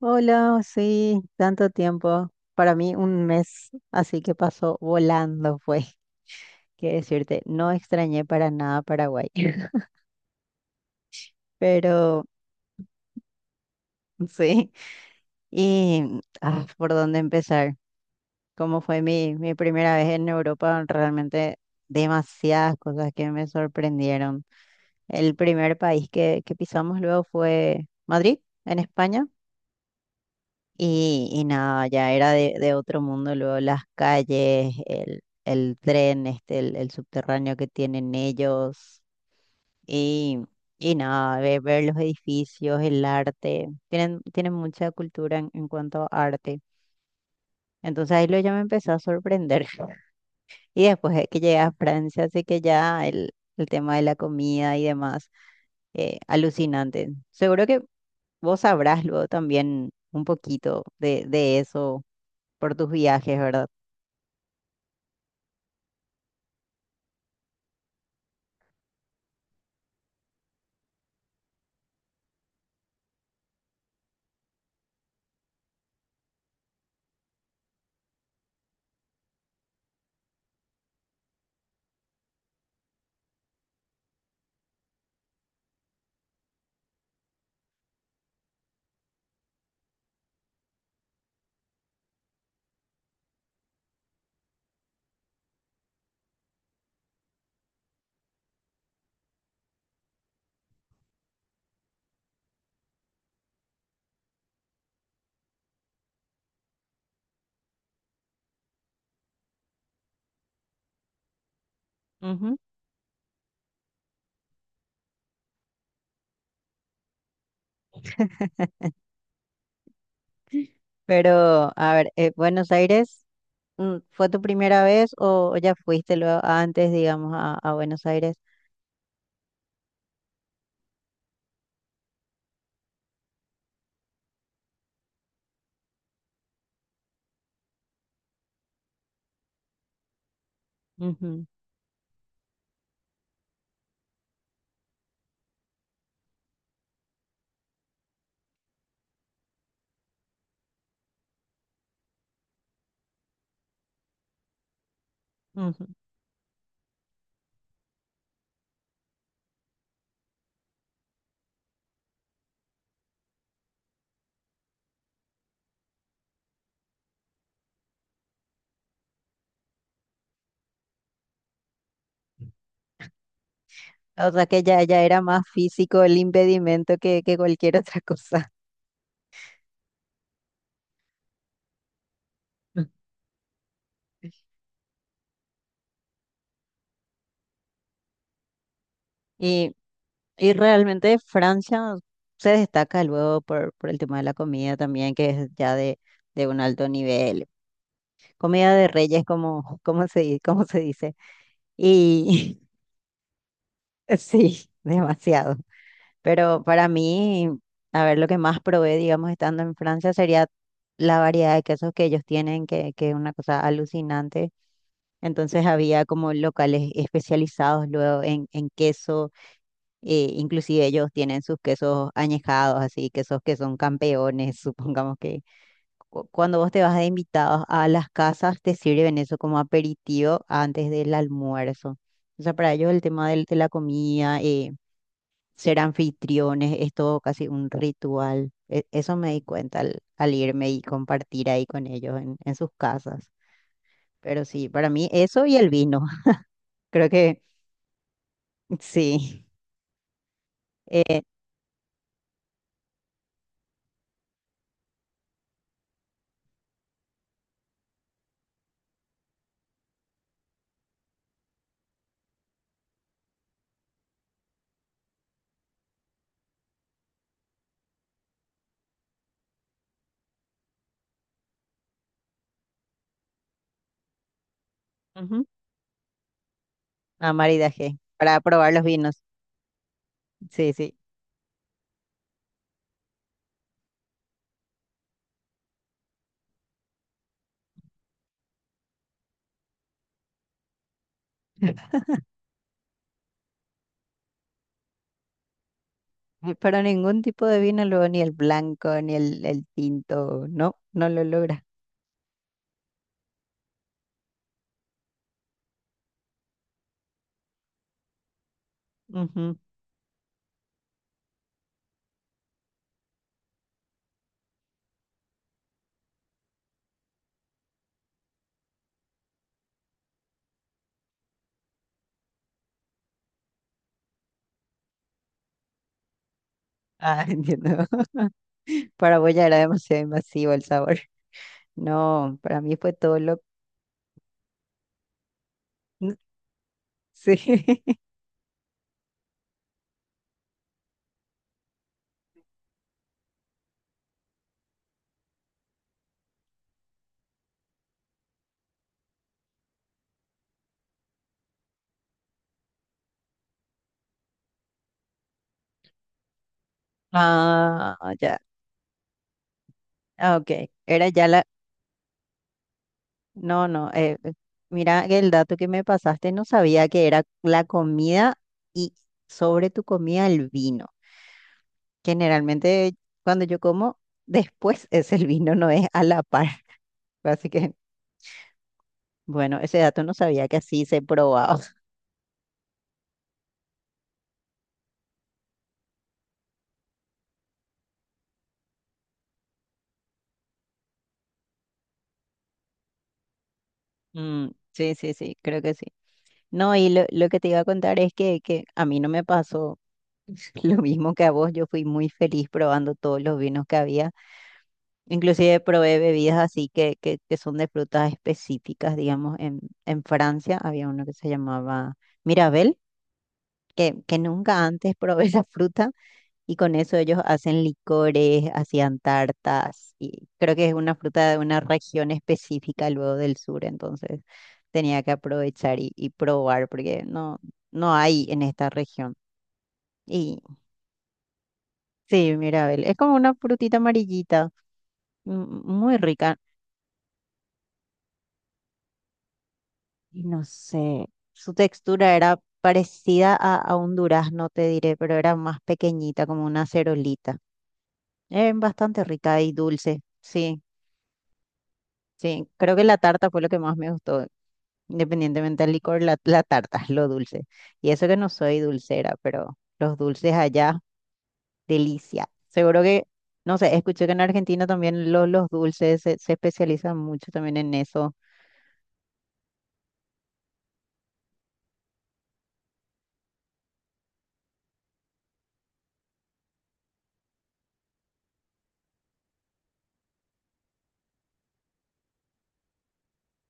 Hola, sí, tanto tiempo. Para mí un mes, así que pasó volando, fue. Quiero decirte, no extrañé para nada Paraguay, pero sí. Y ¿por dónde empezar? Como fue mi primera vez en Europa, realmente demasiadas cosas que me sorprendieron. El primer país que pisamos luego fue Madrid, en España. Y nada, ya era de otro mundo, luego las calles, el tren, este, el subterráneo que tienen ellos, y, y nada, ver, los edificios, el arte, tienen mucha cultura en cuanto a arte. Entonces ahí lo ya me empezó a sorprender. Y después de que llegué a Francia, así que ya el tema de la comida y demás, alucinante. Seguro que vos sabrás luego también un poquito de eso por tus viajes, ¿verdad? Ujú. Pero, a ver, Buenos Aires, mm, ¿fue tu primera vez o ya fuiste luego antes, digamos, a Buenos Aires? Ujú, ujú. O sea que ya, ya era más físico el impedimento que cualquier otra cosa. Y, y realmente Francia se destaca luego por el tema de la comida también, que es ya de un alto nivel. Comida de reyes, como, como se, como se dice. Y sí, demasiado. Pero para mí, a ver, lo que más probé, digamos, estando en Francia sería la variedad de quesos que ellos tienen, que es una cosa alucinante. Entonces había como locales especializados luego en queso, inclusive ellos tienen sus quesos añejados, así, quesos que son campeones, supongamos que cuando vos te vas de invitados a las casas, te sirven eso como aperitivo antes del almuerzo. O sea, para ellos el tema de, la comida, ser anfitriones, es todo casi un ritual. Eso me di cuenta al, al irme y compartir ahí con ellos en sus casas. Pero sí, para mí eso y el vino. Creo que sí. Eh, ujú, Amar y dejé para probar los vinos. Sí, sí. Pero ningún tipo de vino, luego ni el blanco, ni el tinto, no, no lo logra. Ujú. Ah, entiendo. Para vos ya era demasiado invasivo el sabor. No, para mí fue todo lo... Sí. Ah, ya. Ah, ok. Era ya la... No, no. Mira que el dato que me pasaste, no sabía que era la comida y sobre tu comida el vino. Generalmente cuando yo como, después es el vino, no es a la par. Así que, bueno, ese dato no sabía que así se probaba. Mm, sí, sí, sí, creo que sí. No, y lo que te iba a contar es que a mí no me pasó lo mismo que a vos. Yo fui muy feliz probando todos los vinos que había. Inclusive probé bebidas así que son de frutas específicas, digamos, en Francia había uno que se llamaba Mirabel, que nunca antes probé esa fruta y con eso ellos hacen licores, hacían tartas y creo que es una fruta de una región específica luego del sur, entonces tenía que aprovechar y probar porque no, no hay en esta región. Y sí, Mirabel, es como una frutita amarillita, mm, muy rica. Y no sé, su textura era parecida a un durazno, te diré, pero era más pequeñita, como una cerolita. Era bastante rica y dulce, sí, sí, creo que la tarta fue lo que más me gustó, independientemente del licor, la tarta, lo dulce. Y eso que no soy dulcera, pero los dulces allá, delicia. Seguro que, no sé, escuché que en Argentina también los dulces se especializan mucho también en eso.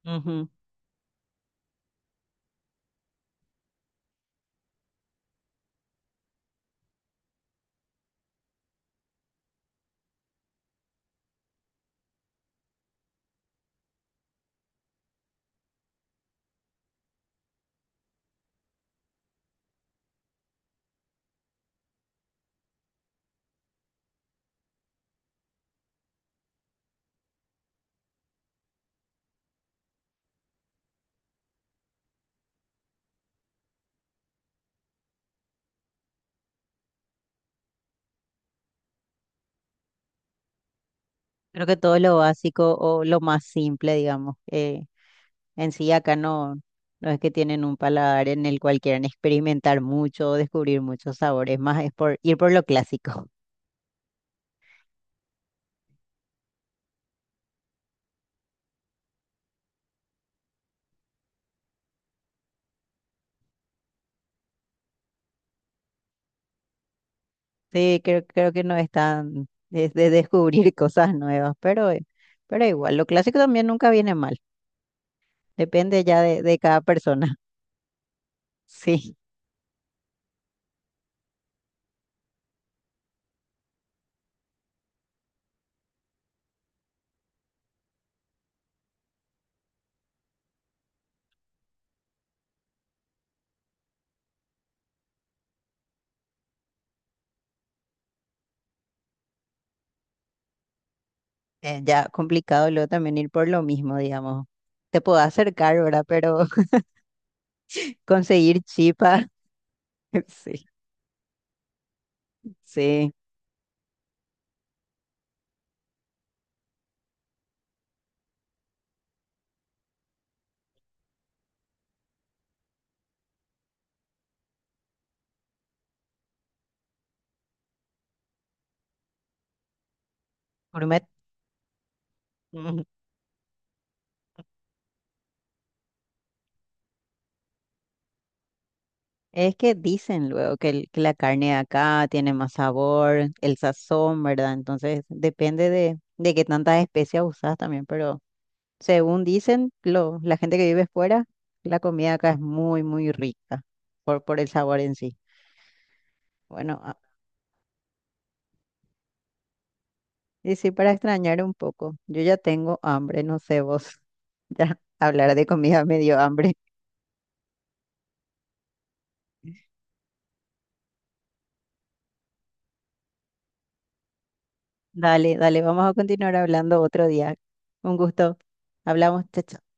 Ujú. Creo que todo lo básico o lo más simple, digamos. En sí, acá no, no es que tienen un paladar en el cual quieran experimentar mucho o descubrir muchos sabores, más es por ir por lo clásico. Sí, creo que no es tan es de descubrir cosas nuevas, pero igual, lo clásico también nunca viene mal, depende ya de cada persona. Sí, ya complicado luego también ir por lo mismo, digamos. Te puedo acercar, ¿verdad? Pero conseguir chipa, sí, sí, gourmet. Es que dicen luego que, que la carne de acá tiene más sabor, el sazón, ¿verdad? Entonces depende de qué tantas especias usas también, pero según dicen lo, la gente que vive fuera, la comida acá es muy, muy rica por el sabor en sí. Bueno, ah, y sí, para extrañar un poco, yo ya tengo hambre, no sé vos, ya hablar de comida me dio hambre. Dale, dale, vamos a continuar hablando otro día. Un gusto. Hablamos, chao.